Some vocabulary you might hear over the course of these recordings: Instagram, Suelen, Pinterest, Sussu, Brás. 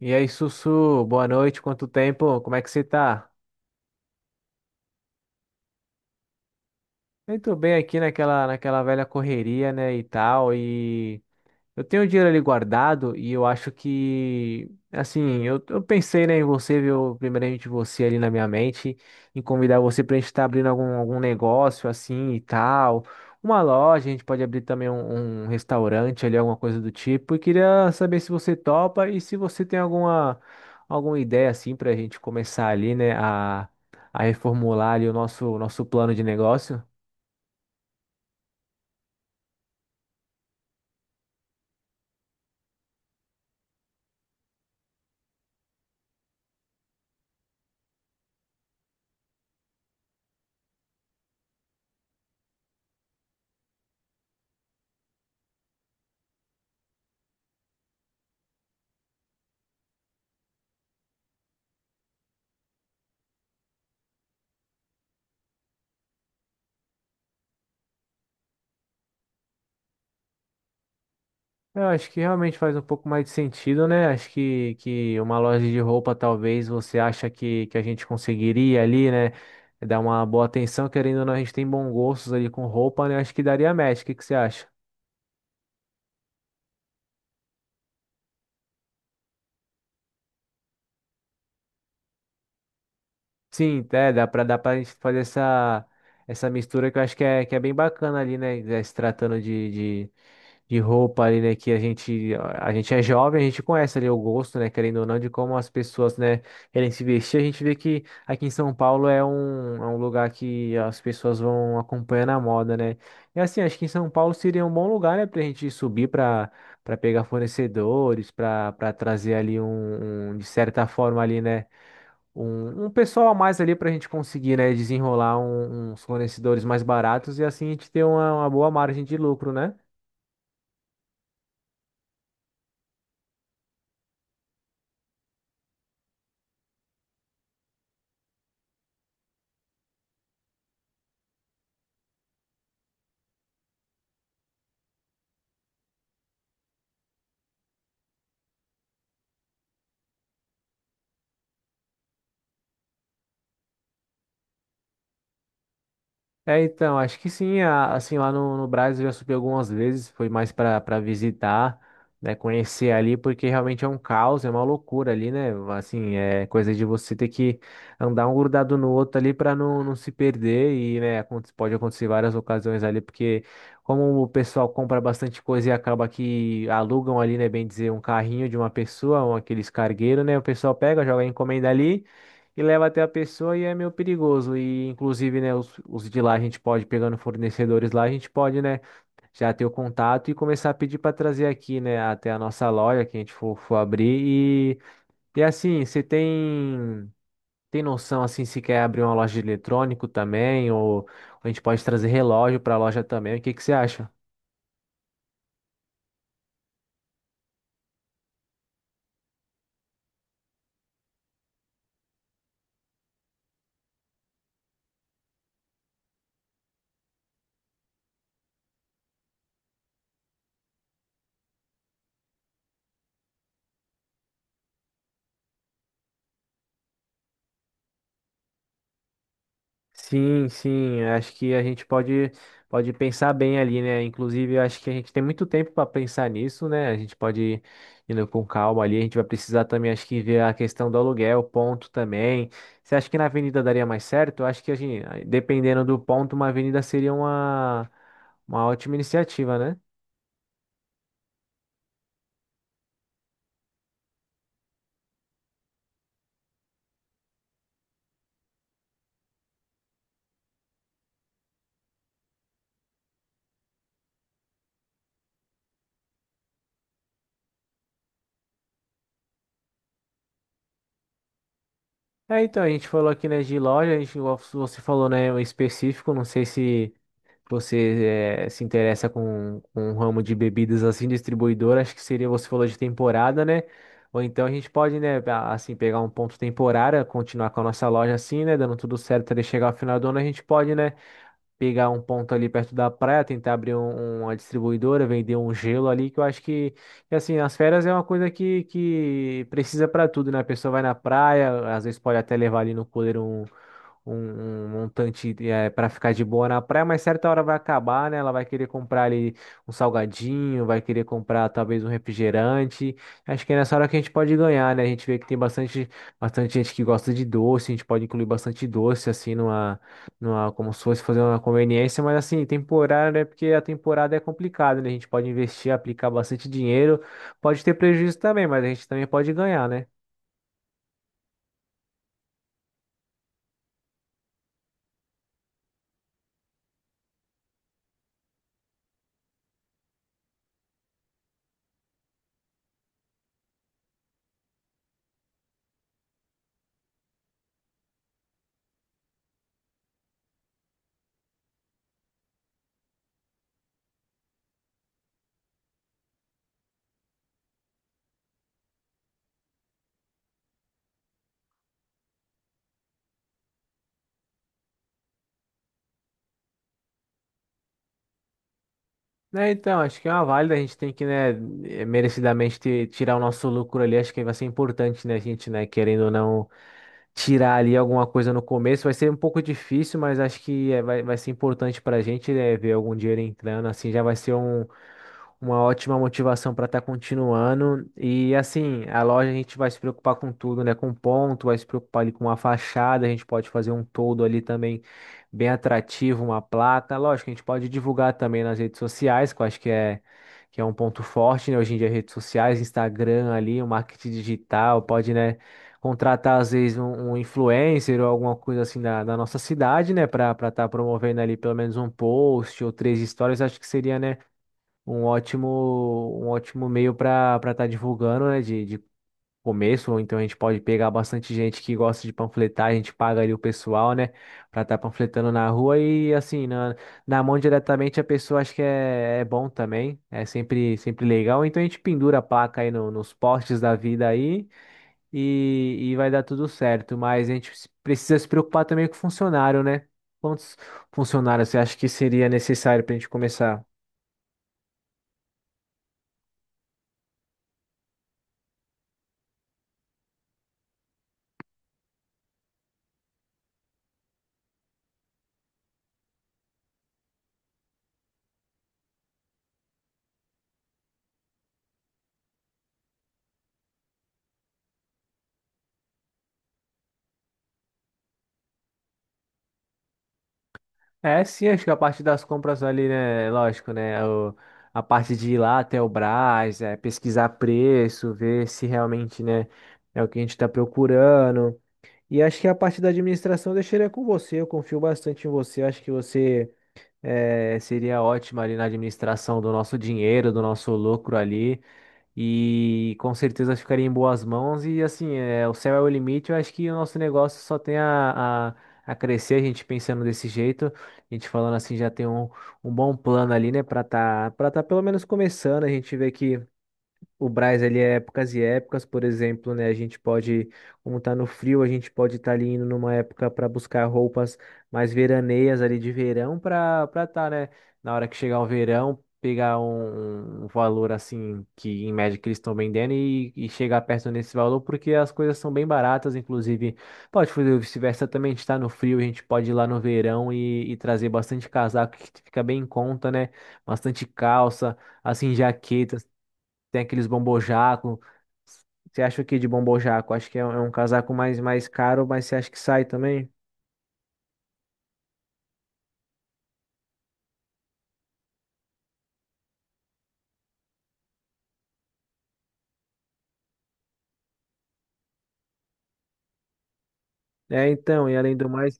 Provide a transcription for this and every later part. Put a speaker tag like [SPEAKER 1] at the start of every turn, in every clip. [SPEAKER 1] E aí, Sussu, boa noite, quanto tempo? Como é que você tá? Eu tô bem aqui naquela velha correria, né, e tal, e eu tenho dinheiro ali guardado e eu acho que, assim, eu pensei, né, em você, viu, primeiramente você ali na minha mente, em convidar você pra gente estar abrindo algum negócio assim e tal, uma loja, a gente pode abrir também um restaurante ali, alguma coisa do tipo, e queria saber se você topa e se você tem alguma, alguma ideia, assim, pra gente começar ali, né, a reformular ali o nosso plano de negócio. Eu acho que realmente faz um pouco mais de sentido, né? Acho que uma loja de roupa, talvez você acha que a gente conseguiria ali, né? Dar uma boa atenção, querendo ou não, a gente tem bons gostos ali com roupa, né? Acho que daria match. O que que você acha? Sim, é, dá pra gente fazer essa, essa mistura que eu acho que é bem bacana ali, né? Se tratando de roupa ali, né, que a gente é jovem, a gente conhece ali o gosto, né, querendo ou não, de como as pessoas, né, querem se vestir. A gente vê que aqui em São Paulo é é um lugar que as pessoas vão acompanhando a moda, né. E assim, acho que em São Paulo seria um bom lugar, né, pra gente subir pra, pra pegar fornecedores, pra trazer ali de certa forma ali, né, um pessoal a mais ali pra gente conseguir, né, desenrolar uns fornecedores mais baratos e assim a gente ter uma boa margem de lucro, né? É, então, acho que sim, assim, lá no Brasil eu já subi algumas vezes, foi mais para visitar, né, conhecer ali, porque realmente é um caos, é uma loucura ali, né, assim, é coisa de você ter que andar um grudado no outro ali para não, não se perder e, né, pode acontecer várias ocasiões ali, porque como o pessoal compra bastante coisa e acaba que alugam ali, né, bem dizer, um carrinho de uma pessoa, um, aqueles cargueiros, né, o pessoal pega, joga a encomenda ali, e leva até a pessoa e é meio perigoso. E inclusive, né, os de lá a gente pode, pegando fornecedores lá, a gente pode, né, já ter o contato e começar a pedir para trazer aqui, né, até a nossa loja que a gente for abrir. E assim, você tem noção, assim, se quer abrir uma loja de eletrônico também, ou, a gente pode trazer relógio para a loja também, o que que você acha? Sim, sim, eu acho que a gente pode pensar bem ali, né? Inclusive, eu acho que a gente tem muito tempo para pensar nisso, né? A gente pode ir indo com calma ali. A gente vai precisar também, acho que, ver a questão do aluguel, ponto também. Você acha que na avenida daria mais certo? Eu acho que a gente, dependendo do ponto, uma avenida seria uma ótima iniciativa, né? É, então, a gente falou aqui, né, de loja, a gente, você falou, né, o específico, não sei se. Você se interessa com um ramo de bebidas assim, distribuidor, acho que seria, você falou de temporada, né? Ou então a gente pode, né, assim, pegar um ponto temporário, continuar com a nossa loja assim, né, dando tudo certo até chegar ao final do ano, a gente pode, né, pegar um ponto ali perto da praia, tentar abrir uma distribuidora, vender um gelo ali, que eu acho que, assim, as férias é uma coisa que precisa para tudo, né? A pessoa vai na praia, às vezes pode até levar ali no cooler um montante para ficar de boa na praia, mas certa hora vai acabar, né? Ela vai querer comprar ali um salgadinho, vai querer comprar talvez um refrigerante. Acho que é nessa hora que a gente pode ganhar, né? A gente vê que tem bastante gente que gosta de doce, a gente pode incluir bastante doce assim numa, numa, como se fosse fazer uma conveniência, mas assim, temporário, né? Porque a temporada é complicada, né? A gente pode investir, aplicar bastante dinheiro, pode ter prejuízo também, mas a gente também pode ganhar, né? Né, então, acho que é uma válida, a gente tem que, né, merecidamente tirar o nosso lucro ali, acho que vai ser importante, né, querendo ou não tirar ali alguma coisa no começo, vai ser um pouco difícil, mas acho que vai ser importante pra gente, né, ver algum dinheiro entrando, assim, já vai ser uma ótima motivação para estar continuando, e assim, a loja a gente vai se preocupar com tudo, né, com ponto, vai se preocupar ali com a fachada, a gente pode fazer um todo ali também, bem atrativo uma placa. Lógico, a gente pode divulgar também nas redes sociais, que eu acho que é um ponto forte, né? Hoje em dia, redes sociais, Instagram ali, o marketing digital, pode, né, contratar às vezes um influencer ou alguma coisa assim da nossa cidade, né, para estar promovendo ali pelo menos um post ou três histórias, acho que seria, né, um ótimo, um ótimo meio para estar divulgando, né, de começo, ou então a gente pode pegar bastante gente que gosta de panfletar, a gente paga ali o pessoal, né, pra estar panfletando na rua e assim, na, na mão diretamente a pessoa acho que é, é bom também, é sempre, sempre legal, então a gente pendura a placa aí nos postes da vida aí e vai dar tudo certo, mas a gente precisa se preocupar também com o funcionário, né? Quantos funcionários você acha que seria necessário pra gente começar? É, sim, acho que a parte das compras ali, né? Lógico, né? A parte de ir lá até o Brás, é, pesquisar preço, ver se realmente, né, é o que a gente está procurando. E acho que a parte da administração eu deixaria com você. Eu confio bastante em você. Acho que você seria ótima ali na administração do nosso dinheiro, do nosso lucro ali. E com certeza ficaria em boas mãos. E assim, é, o céu é o limite. Eu acho que o nosso negócio só tem a crescer, a gente pensando desse jeito. A gente falando assim, já tem um, um bom plano ali, né? Pra tá pelo menos começando. A gente vê que. O Brás, ele é épocas e épocas, por exemplo, né? A gente pode, como tá no frio, a gente pode estar ali indo numa época para buscar roupas mais veraneias ali de verão para tá, né? Na hora que chegar o verão, pegar um valor assim que em média que eles estão vendendo e chegar perto nesse valor, porque as coisas são bem baratas, inclusive. Pode fazer o vice-versa também, a gente tá no frio, a gente pode ir lá no verão e trazer bastante casaco que fica bem em conta, né? Bastante calça assim, jaquetas tem aqueles bombojaco. Você acha o que de bombojaco? Acho que é, é um casaco mais, mais caro, mas você acha que sai também? É, então, e além do mais.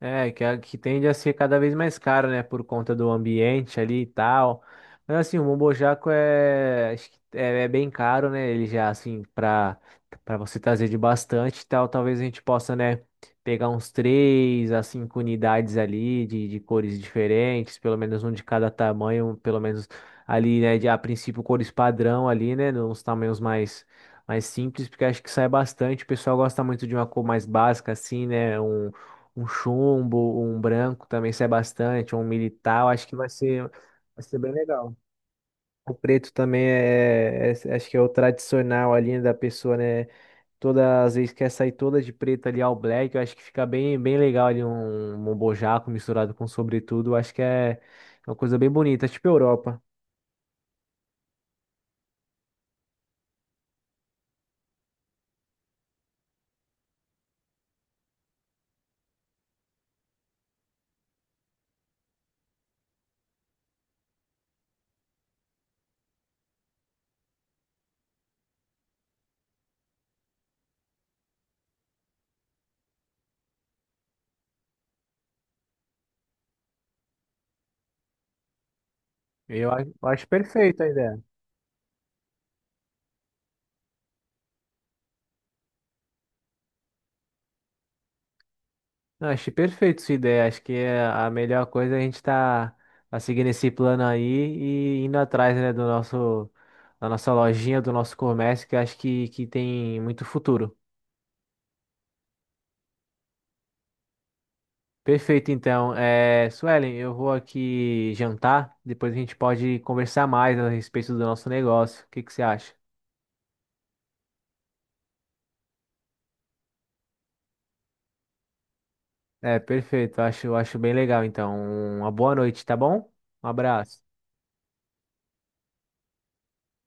[SPEAKER 1] É, que, que tende a ser cada vez mais caro, né? Por conta do ambiente ali e tal. Mas assim, o Bombo Jaco é, acho que é, é bem caro, né? Ele já, assim, pra, pra você trazer de bastante e tal, talvez a gente possa, né, pegar uns três a cinco unidades ali de cores diferentes, pelo menos um de cada tamanho, um, pelo menos ali, né, de, a princípio cores padrão ali, né? Uns tamanhos mais. Mais simples, porque acho que sai bastante. O pessoal gosta muito de uma cor mais básica, assim, né? Um chumbo, um branco também sai bastante, um militar, eu acho que vai ser bem legal. O preto também é, é, acho que é o tradicional ali né, da pessoa, né? Todas as vezes quer sair toda de preto ali ao black, eu acho que fica bem, bem legal ali um bojaco misturado com sobretudo, eu acho que é uma coisa bem bonita, tipo Europa. Eu, eu acho perfeita a ideia. Não, achei perfeito sua ideia. Acho que é a melhor coisa é a gente tá seguindo esse plano aí e indo atrás, né, do nosso, da nossa lojinha, do nosso comércio, que eu acho que tem muito futuro. Perfeito, então. É, Suelen, eu vou aqui jantar, depois a gente pode conversar mais a respeito do nosso negócio. O que que você acha? É, perfeito. Acho, acho bem legal, então. Uma boa noite, tá bom? Um abraço.